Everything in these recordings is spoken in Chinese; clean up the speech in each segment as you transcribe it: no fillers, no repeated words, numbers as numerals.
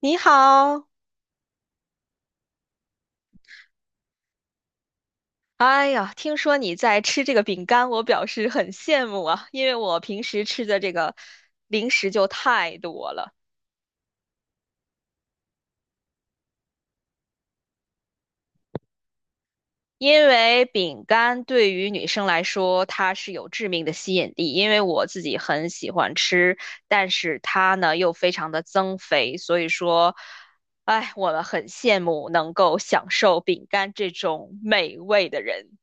你好，哎呀，听说你在吃这个饼干，我表示很羡慕啊，因为我平时吃的这个零食就太多了。因为饼干对于女生来说，它是有致命的吸引力，因为我自己很喜欢吃，但是它呢又非常的增肥，所以说，哎，我们很羡慕能够享受饼干这种美味的人。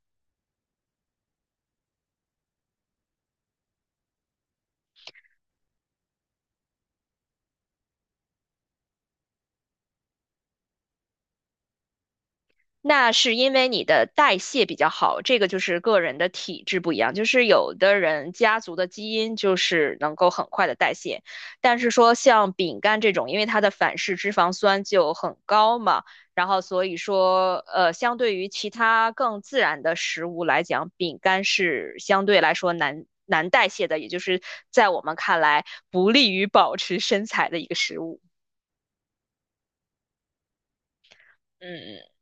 那是因为你的代谢比较好，这个就是个人的体质不一样。就是有的人家族的基因就是能够很快的代谢，但是说像饼干这种，因为它的反式脂肪酸就很高嘛，然后所以说，相对于其他更自然的食物来讲，饼干是相对来说难代谢的，也就是在我们看来不利于保持身材的一个食物。嗯嗯。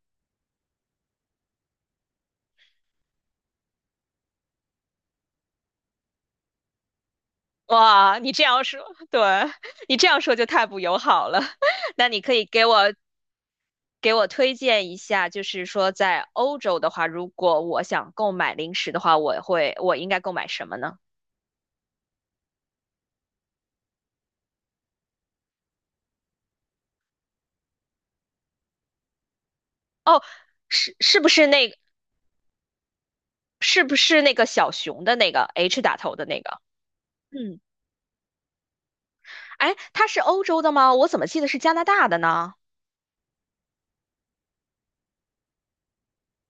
哇，你这样说，对，你这样说就太不友好了。那你可以给我推荐一下，就是说在欧洲的话，如果我想购买零食的话，我应该购买什么呢？哦，是是不是那个是不是那个小熊的那个 H 打头的那个？嗯，哎，它是欧洲的吗？我怎么记得是加拿大的呢？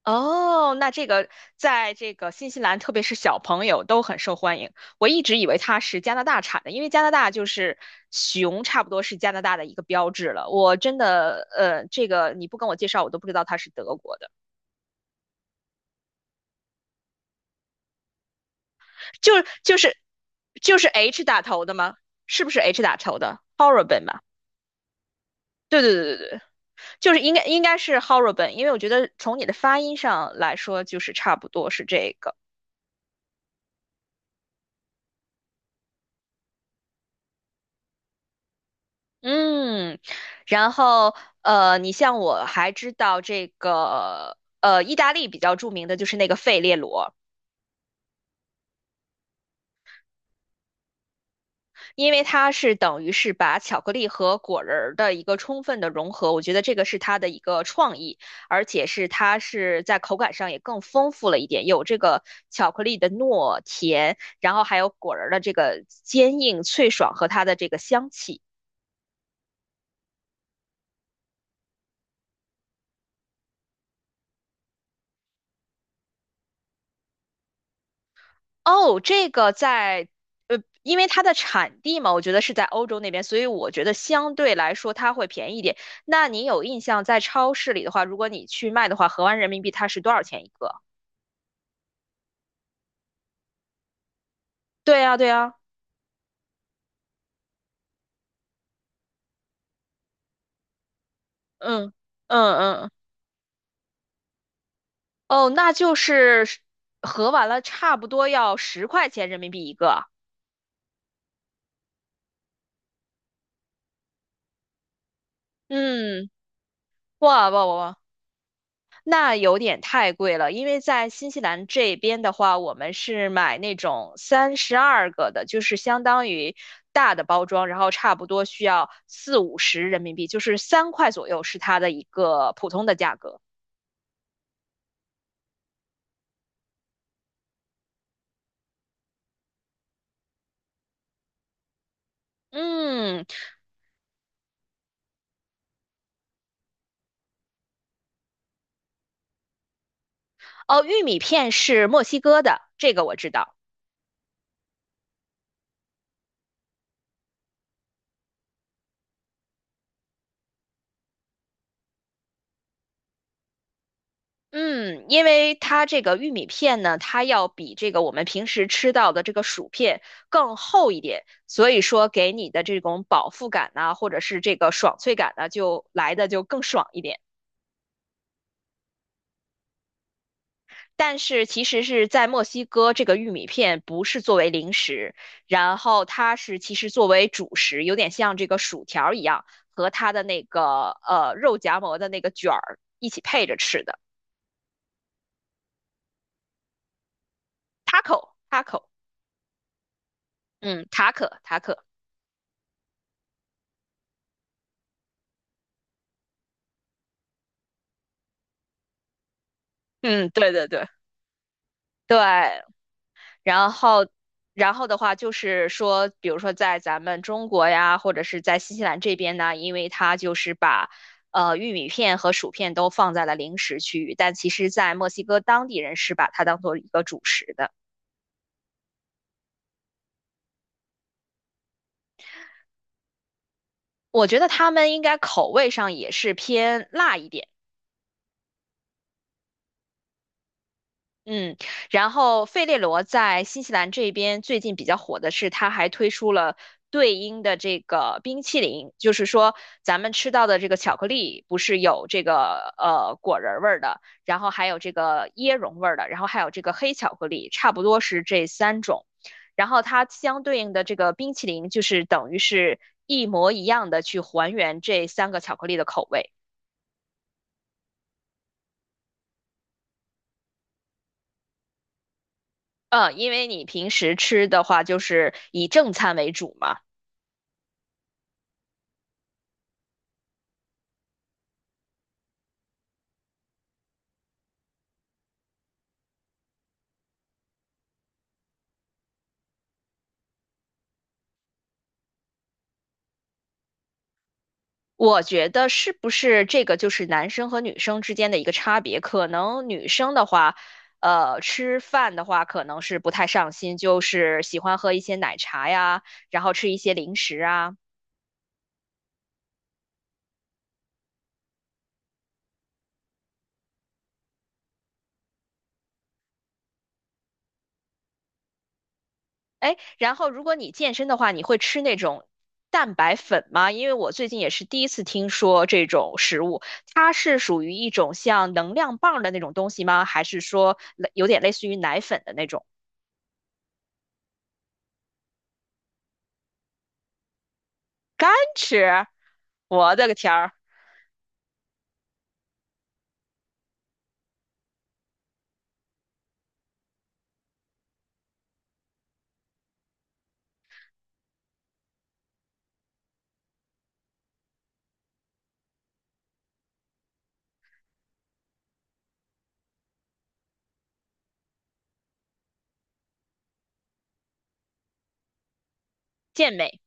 哦，那这个在这个新西兰，特别是小朋友都很受欢迎。我一直以为它是加拿大产的，因为加拿大就是熊，差不多是加拿大的一个标志了。我真的，这个你不跟我介绍，我都不知道它是德国的。就是就是就是 H 打头的吗？是不是 H 打头的 horrible 吧？对对对对对，就是应该是 h o r r i b l e 因为我觉得从你的发音上来说，就是差不多是这个。嗯，然后你像我还知道这个意大利比较著名的就是那个费列罗，因为它是等于是把巧克力和果仁儿的一个充分的融合，我觉得这个是它的一个创意，而且是它是在口感上也更丰富了一点，有这个巧克力的糯甜，然后还有果仁儿的这个坚硬脆爽和它的这个香气。哦，这个在，因为它的产地嘛，我觉得是在欧洲那边，所以我觉得相对来说它会便宜一点。那你有印象，在超市里的话，如果你去卖的话，合完人民币它是多少钱一个？对呀，对呀，嗯嗯嗯，哦，那就是合完了差不多要10块钱人民币一个。嗯，哇哇哇哇！那有点太贵了，因为在新西兰这边的话，我们是买那种32个的，就是相当于大的包装，然后差不多需要四五十人民币，就是3块左右是它的一个普通的价格。嗯，哦，玉米片是墨西哥的，这个我知道。嗯，因为它这个玉米片呢，它要比这个我们平时吃到的这个薯片更厚一点，所以说给你的这种饱腹感呐、或者是这个爽脆感呢，就来的就更爽一点。但是其实是在墨西哥，这个玉米片不是作为零食，然后它是其实作为主食，有点像这个薯条儿一样，和它的那个肉夹馍的那个卷儿一起配着吃的。taco taco，嗯，塔可塔可，嗯，对对对。对，然后，然后的话就是说，比如说在咱们中国呀，或者是在新西兰这边呢，因为它就是把玉米片和薯片都放在了零食区域，但其实，在墨西哥当地人是把它当做一个主食的。我觉得他们应该口味上也是偏辣一点。嗯，然后费列罗在新西兰这边最近比较火的是，他还推出了对应的这个冰淇淋，就是说咱们吃到的这个巧克力不是有这个果仁儿味儿的，然后还有这个椰蓉味儿的，然后还有这个黑巧克力，差不多是这三种。然后它相对应的这个冰淇淋就是等于是一模一样的去还原这三个巧克力的口味。嗯，因为你平时吃的话就是以正餐为主嘛。我觉得是不是这个就是男生和女生之间的一个差别？可能女生的话，吃饭的话可能是不太上心，就是喜欢喝一些奶茶呀，然后吃一些零食啊。哎，然后如果你健身的话，你会吃那种蛋白粉吗？因为我最近也是第一次听说这种食物，它是属于一种像能量棒的那种东西吗？还是说有点类似于奶粉的那种？干吃，我的个天儿，健美！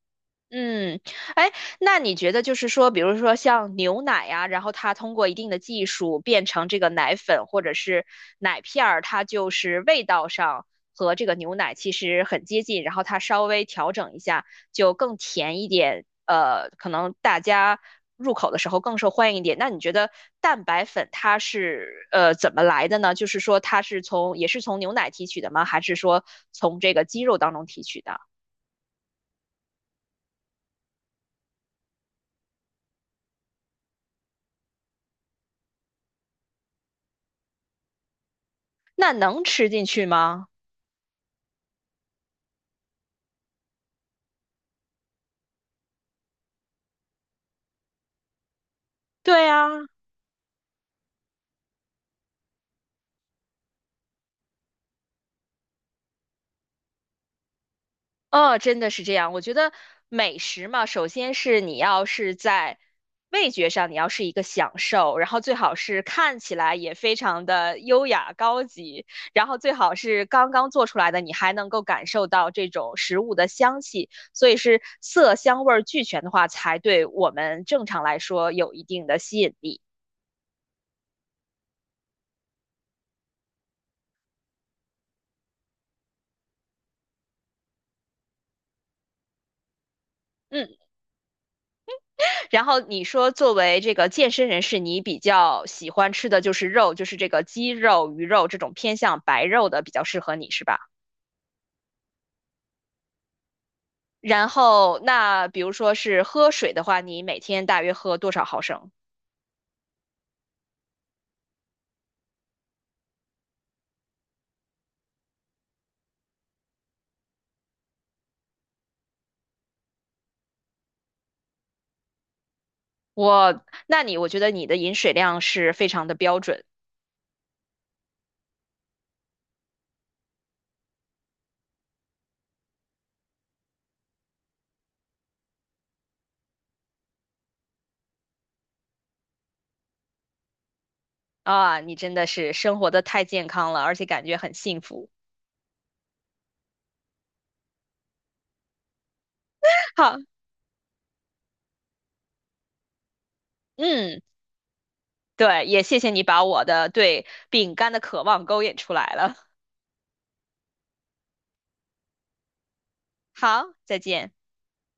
嗯，哎，那你觉得就是说，比如说像牛奶呀、然后它通过一定的技术变成这个奶粉或者是奶片儿，它就是味道上和这个牛奶其实很接近，然后它稍微调整一下就更甜一点，可能大家入口的时候更受欢迎一点。那你觉得蛋白粉它是怎么来的呢？就是说它是从也是从牛奶提取的吗？还是说从这个鸡肉当中提取的？那能吃进去吗？对啊，真的是这样。我觉得美食嘛，首先是你要是在味觉上，你要是一个享受，然后最好是看起来也非常的优雅高级，然后最好是刚刚做出来的，你还能够感受到这种食物的香气。所以是色香味儿俱全的话，才对我们正常来说有一定的吸引力。嗯。然后你说作为这个健身人士，你比较喜欢吃的就是肉，就是这个鸡肉、鱼肉这种偏向白肉的比较适合你，是吧？然后那比如说是喝水的话，你每天大约喝多少毫升？我觉得你的饮水量是非常的标准啊，你真的是生活的太健康了，而且感觉很幸福。好，嗯，对，也谢谢你把我的对饼干的渴望勾引出来了。好，再见。